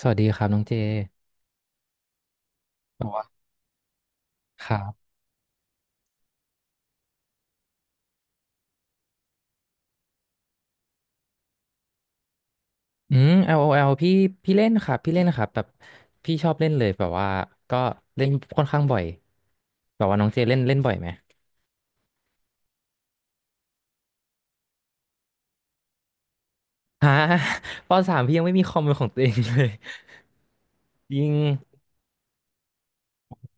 สวัสดีครับน้องเจอืม LOL พี่พี่เล่นครับพี่เล่นนะครับแบบพี่ชอบเล่นเลยแบบว่าก็เล่นค่อนข้างบ่อยแบบว่าน้องเจเล่นเล่นบ่อยไหมฮะ ปสามพี่ยังไม่มีคอมเป็นของตัวเองเลยยิง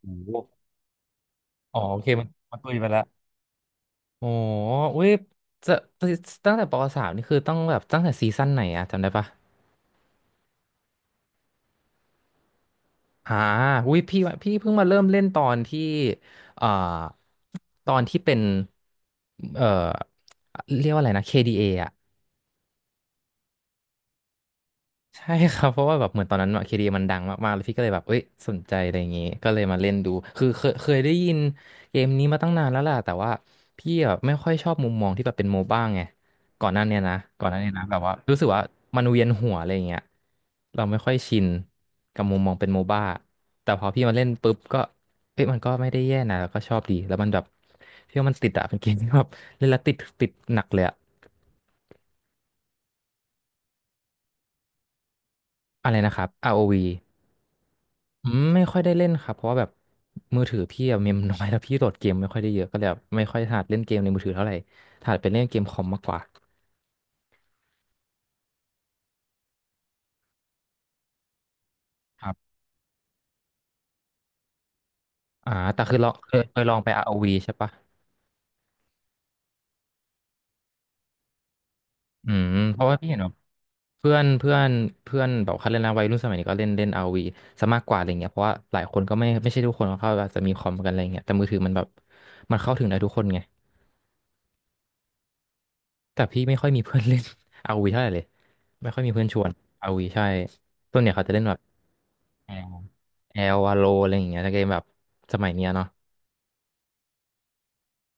โอ้โหอ๋อโอเคมันตุยไปแล้วโอ้โหอุ้ยจะตั้งแต่ปสามนี่คือต้องแบบตั้งแต่ซีซั่นไหนอะจำได้ปะ อ่าอุ้ยพี่ว่าพี่เพิ่งมาเริ่มเล่นตอนที่เอ่อตอนที่เป็นเอ่อเรียกว่าอะไรนะ KDA ออ่ะ ใช่ครับเพราะว่าแบบเหมือนตอนนั้นเคดีมันดังมากๆแล้วพี่ก็เลยแบบเอ้ยสนใจอะไรอย่างงี้ก็เลยมาเล่นดูคือเคยได้ยินเกมนี้มาตั้งนานแล้วแหล่ะแต่ว่าพี่อะไม่ค่อยชอบมุมมองที่แบบเป็นโมบ้างไงก่อนหน้าเนี้ยนะก่อนหน้าเนี้ยนะแบบว่ารู้สึกว่ามันเวียนหัวอะไรอย่างเงี้ยเราไม่ค่อยชินกับมุมมองเป็นโมบ้าแต่พอพี่มาเล่นปุ๊บก็เอ้ยมันก็ไม่ได้แย่นะแล้วก็ชอบดีแล้วมันแบบพี่ว่ามันติดอะเป็นเกมที่แบบเล่นแล้วติดติดหนักเลยอะอะไรนะครับ ROV อืมไม่ค่อยได้เล่นครับเพราะว่าแบบมือถือพี่อะ เมมน้อยแล้วพี่โหลดเกมไม่ค่อยได้เยอะก็เลยแบบไม่ค่อยถนัดเล่นเกมในมือถือเท่าไหร่ถนัดเป็นเล่นเกมคอมมากกว่าครับอ่าแต่คือลองเคยลองไป r วีใช่ปะอืมเพราะว่าพี่เห็นแบบเพื่อนเพื่อนเพื่อนแบบเขาเล่นนะวัยรุ่นสมัยนี้ก็เล่นเล่น r วีซะมากกว่าอะไรเงี้ยเพราะว่าหลายคนก็ไม่ใช่ทุกคนเขาอาจจะมีคอมกันอะไรเงี้ยแต่มือถือมันแบบมันเข้าถึงได้ทุกคนไงแต่พี่ไม่ค่อยมีเพื่อนเล่น r วีเท่าไหร่เลยไม่ค่อยมีเพื่อนชวน r o ีใช่ส่วนเนี่ยเขาจะเล่นแบบ แอลแอลวาโลอะไรอย่างเงี้ยถ้าเกมแบบสมัยเนี้ยเนาะ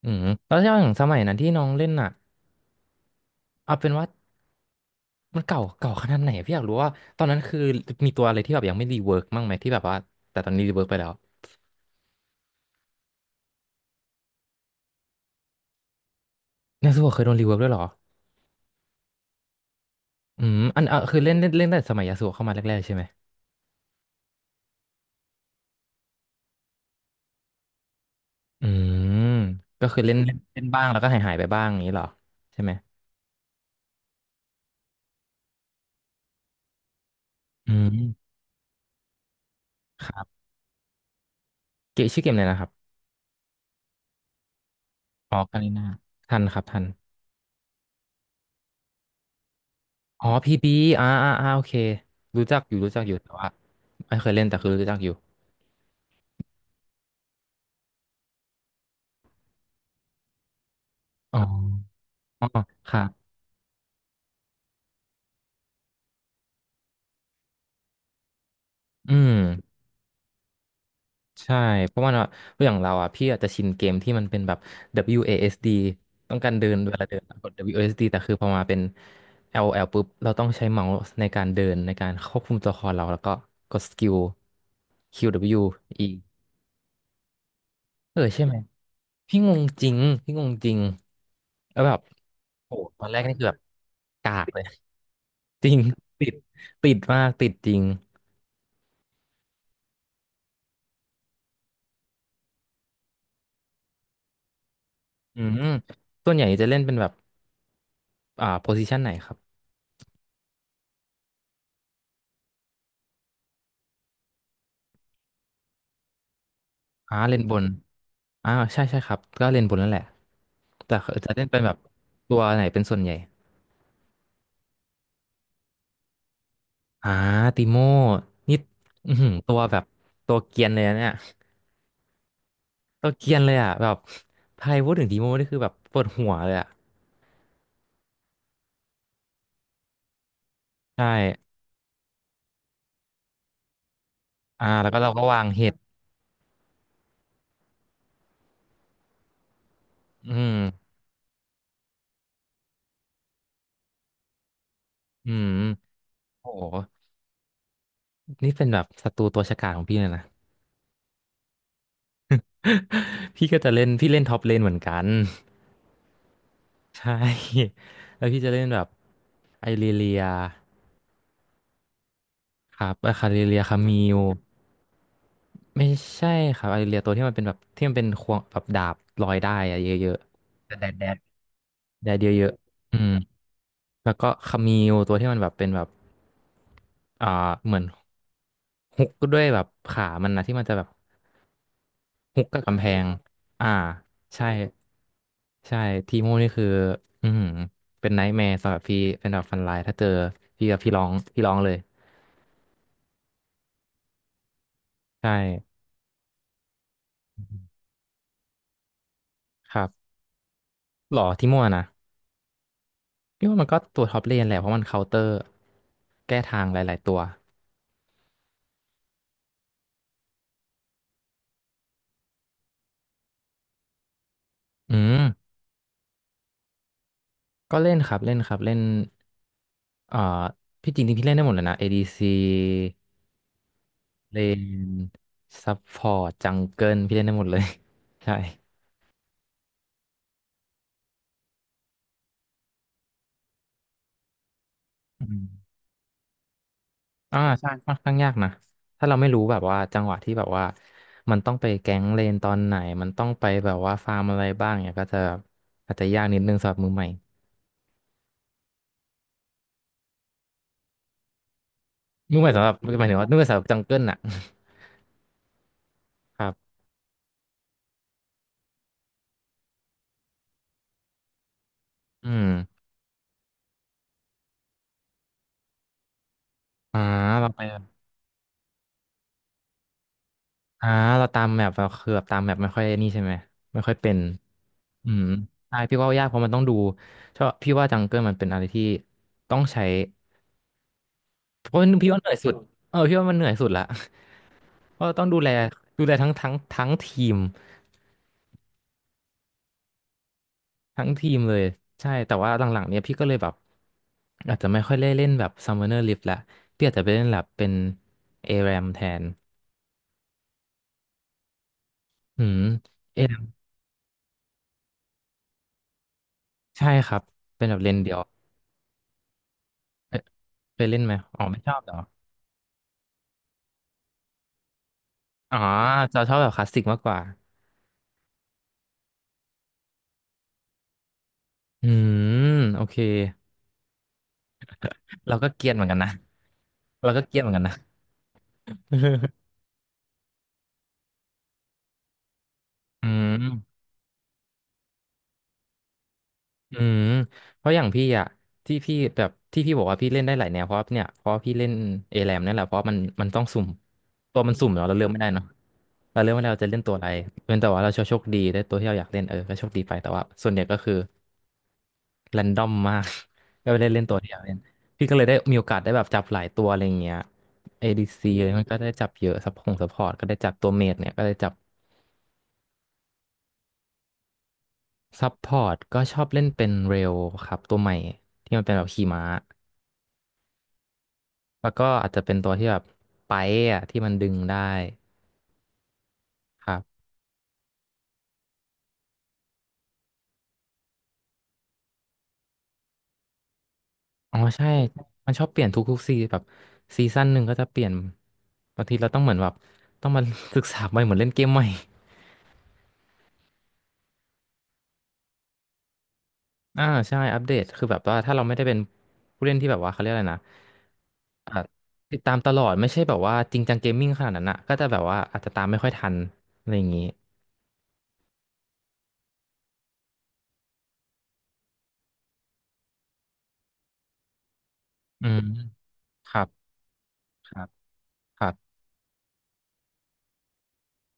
อืมแล้วอย่างสมัยนั้นที่น้องเล่นอ่ะเอาเป็นว่ามันเก่าเก่าขนาดไหนพี่อยากรู้ว่าตอนนั้นคือมีตัวอะไรที่แบบยังไม่รีเวิร์กบ้างไหมที่แบบว่าแต่ตอนนี้รีเวิร์กไปแล้วยาสูบเคยโดนรีเวิร์กด้วยเหรออืมอันอ่ะคือเล่นเล่นเล่นตั้งแต่สมัยยาสูบเข้ามาแรกๆใช่ไหมอืมก็คือเล่นเล่นเล่นบ้างแล้วก็หายไปบ้างอย่างนี้เหรอใช่ไหมอืมครับเกมชื่อเกมอะไรนะครับอ๋อการินาทันครับทัน อ๋อพีบีอ่าโอเครู้จักอยู่แต่ว่าไม่เคยเล่นแต่คือรู้จักอยู่อ๋ออ๋อค่ะอืมใช่เพราะว่าเนอะอย่างเราอ่ะพี่อาจจะชินเกมที่มันเป็นแบบ WASD ต้องการเดินเวลาเดินกด WASD แต่คือพอมาเป็น LL ปุ๊บเราต้องใช้เมาส์ในการเดินในการควบคุมตัวละครเราแล้วก็กดสกิล QW E เบิลยูอเออใช่ไหมพี่งงจริงพี่งงจริงแล้วแบบโอ้ตอนแรกนี่คือแบบกากเลย จริง ติดติดมากติดจริงอืมส่วนใหญ่จะเล่นเป็นแบบอ่าโพซิชันไหนครับอ่าเล่นบนใช่ครับก็เล่นบนนั่นแหละแต่จะเล่นเป็นแบบตัวไหนเป็นส่วนใหญ่อ่าติโม่นี่อือหือตัวแบบตัวเกรียนเลยนะเนี่ยตัวเกรียนเลยอ่ะแบบใครพูดถึงติโม่นี่คือแบบปวดหัวเลยอ่ะใช่อ่าแล้วก็เราก็วางเห็ดอืมอืมโอ้โหนี่เป็นแบบศัตรูตัวฉกาจของพี่เลยนะ พี่ก็จะเล่นพี่เล่นท็อปเลนเหมือนกัน ใช่แล้วพี่จะเล่นแบบไอริเลียครับไอาคาริเลียคามิวไม่ใช่ครับไอริเลียตัวที่มันเป็นแบบที่มันเป็นควงแบบดาบลอยได้อะเยอะๆแต่แดดแดดเยอะๆอืมแล้วก็คามิวตัวที่มันแบบเป็นแบบอ่าเหมือนฮุกด้วยแบบขามันนะที่มันจะแบบ ฮุกกับกำแพง อ่า ใช่ ใช่ ทีโม่นี่คืออือหือเป็นไนท์แมร์สำหรับพี่เป็นแบบฟันไลน์ถ้าเจอพี่กับพี่ร้องเลย ใช่ ครับหรอทีโม่นะพี่ว่ามันก็ตัวท็อปเลนแหละเพราะมันเคาน์เตอร์ แก้ทางหลายๆตัว อืม ก็เล่นครับ เล่นครับ เล่นเอ่อ พี่จริงๆพี่เล่นได้หมดเลยนะ ADC เลนซัพพอร์ตจังเกิลพี่เล่นได้หมดเลย ใช่อืม อ่าใช่ค่อนข้างยากนะถ้าเราไม่รู้แบบว่าจังหวะที่แบบว่ามันต้องไปแก๊งเลนตอนไหนมันต้องไปแบบว่าฟาร์มอะไรบ้างเนี่ยก็จะอาจจะยากนิดนึงสำหรับมือใหม่มือใหม่สำหรับหมายถึงว่ามือใหม่สำหรับจังเกิลน่ะ ครับอืมอ่าเราไปอ่าเราตามแมปเราคือแบบตามแมปไม่ค่อยนี่ใช่ไหมไม่ค่อยเป็นอืมใช่พี่ว่ายากเพราะมันต้องดูชอบพี่ว่าจังเกิลมันเป็นอะไรที่ต้องใช้เพราะพี่ว่าเหนื่อยสุดเออพี่ว่ามันเหนื่อยสุดละเพราะต้องดูแลดูแลทั้งทีม ทั้งทีมเลยใช่แต่ว่าหลังๆเนี้ยพี่ก็เลยแบบอาจจะไม่ค่อยได้เล่นแบบ Summoner Rift ละพี่อาจจะไปเล่นแบบเป็น ARAM แทนอืม ARAM ใช่ครับเป็นแบบเลนเดียวเปเคยเล่นไหมอ๋อไม่ชอบเหรออ๋อจะชอบแบบคลาสสิกมากกว่าอืมโอเคเราก็เกรียนเหมือนกันนะเราก็เกรียนเหมือนกันนะ อืม อืมเพราะอย่างพี่อะที่พี่แบบที่พี่บอกว่าพี่เล่นได้หลายแนวเพราะเนี่ยเพราะพี่เล่นเอแรมนั่นแหละเพราะมันต้องสุ่มตัวมันสุ่มเนาะเราเลือกไม่ได้เนาะเราเลือกไม่ได้เราจะเล่นตัวอะไรเป็นแต่ว่าเราโชคดีได้ตัวที่เราอยากเล่นเออก็โชคดีไปแต่ว่าส่วนใหญ่ก็คือแรนดอมมาก ก็ไม่ได้เล่นตัวที่ยาเล่นพี่ก็เลยได้มีโอกาสได้แบบจับหลายตัวอะไรอย่างเงี้ย ADC เลยมันก็ได้จับเยอะซัพพอร์ตก็ได้จับตัวเมจเนี่ยก็ได้จับซัพพอร์ตก็ชอบเล่นเป็นเรลครับตัวใหม่ที่มันเป็นแบบขี่ม้า แล้วก็อาจจะเป็นตัวที่แบบไปอะที่มันดึงได้ครับอ๋อใช่มันชอบเปลี่ยนทุกๆซีแบบซีซั่นหนึ่งก็จะเปลี่ยนบางทีเราต้องเหมือนแบบต้องมา ศึกษาใหม่เหมือนเล่นเกมใหม่ อ่าใช่อัปเดตคือแบบว่าถ้าเราไม่ได้เป็นผู้เล่นที่แบบว่าเขาเรียกอะไรนะอ่าติดตามตลอดไม่ใช่แบบว่าจริงจังเกมมิ่งขนาดนั้นอ่ะก็จะแบบว่าอาจจะตามไม่ค่อยทันอะไรอย่างงี้อืมครับครับครับ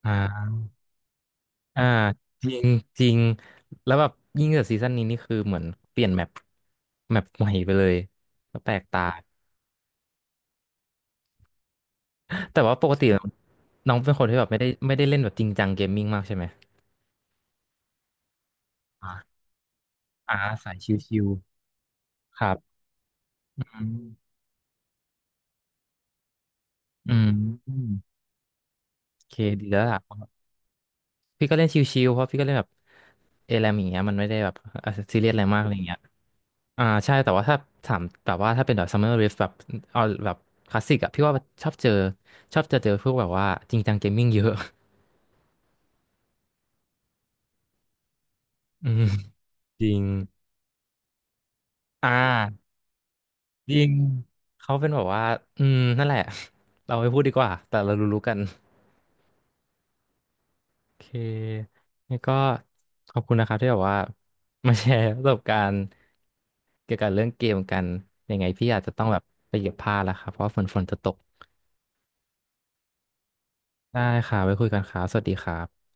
อ่า อ่าจริงจริงแล้วแบบยิ่งจากซีซั่นนี้นี่คือเหมือนเปลี่ยนแมปแมปใหม่ไปเลยก็แปลกตาแต่ว่าปกติน้องเป็นคนที่แบบไม่ได้เล่นแบบจริงจังเกมมิ่งมากใช่ไหมอ่าอ่าสายชิวๆครับอืมอืมโอเคดีแล้วล่ะ พี่ก็เล่นชิวๆเพราะพี่ก็เล่นแบบเอแรมอย่างเงี้ยมันไม่ได้แบบเเรียสอะไรมากอะไรเงี้ยอ่าใช่แต่ว่าถ้าถามแบบว่าถ้าเป็นแบบ Summer Rift แบบเอาแบบคลาสสิกอะพี่ว่าชอบเจอชอบจะเจอพวกแบบว่าจริงจังเกมมิ่งเยอะ อืมจริงอ่าจริงเขาเป็นแบบว่าอืมนั่นแหละ เราไม่พูดดีกว่าแต่เรารู้ๆกันโอเคงั้นก็ขอบคุณนะครับที่แบบว่ามาแชร์ประสบการณ์ เกี่ยวกับเรื่องเกมกันยังไงพี่อาจจะต้องแบบไปเก็บผ้าแล้วครับเพราะว่าฝนจะตกได้ค่ะไว้คุยกันครับสวัสดีครับ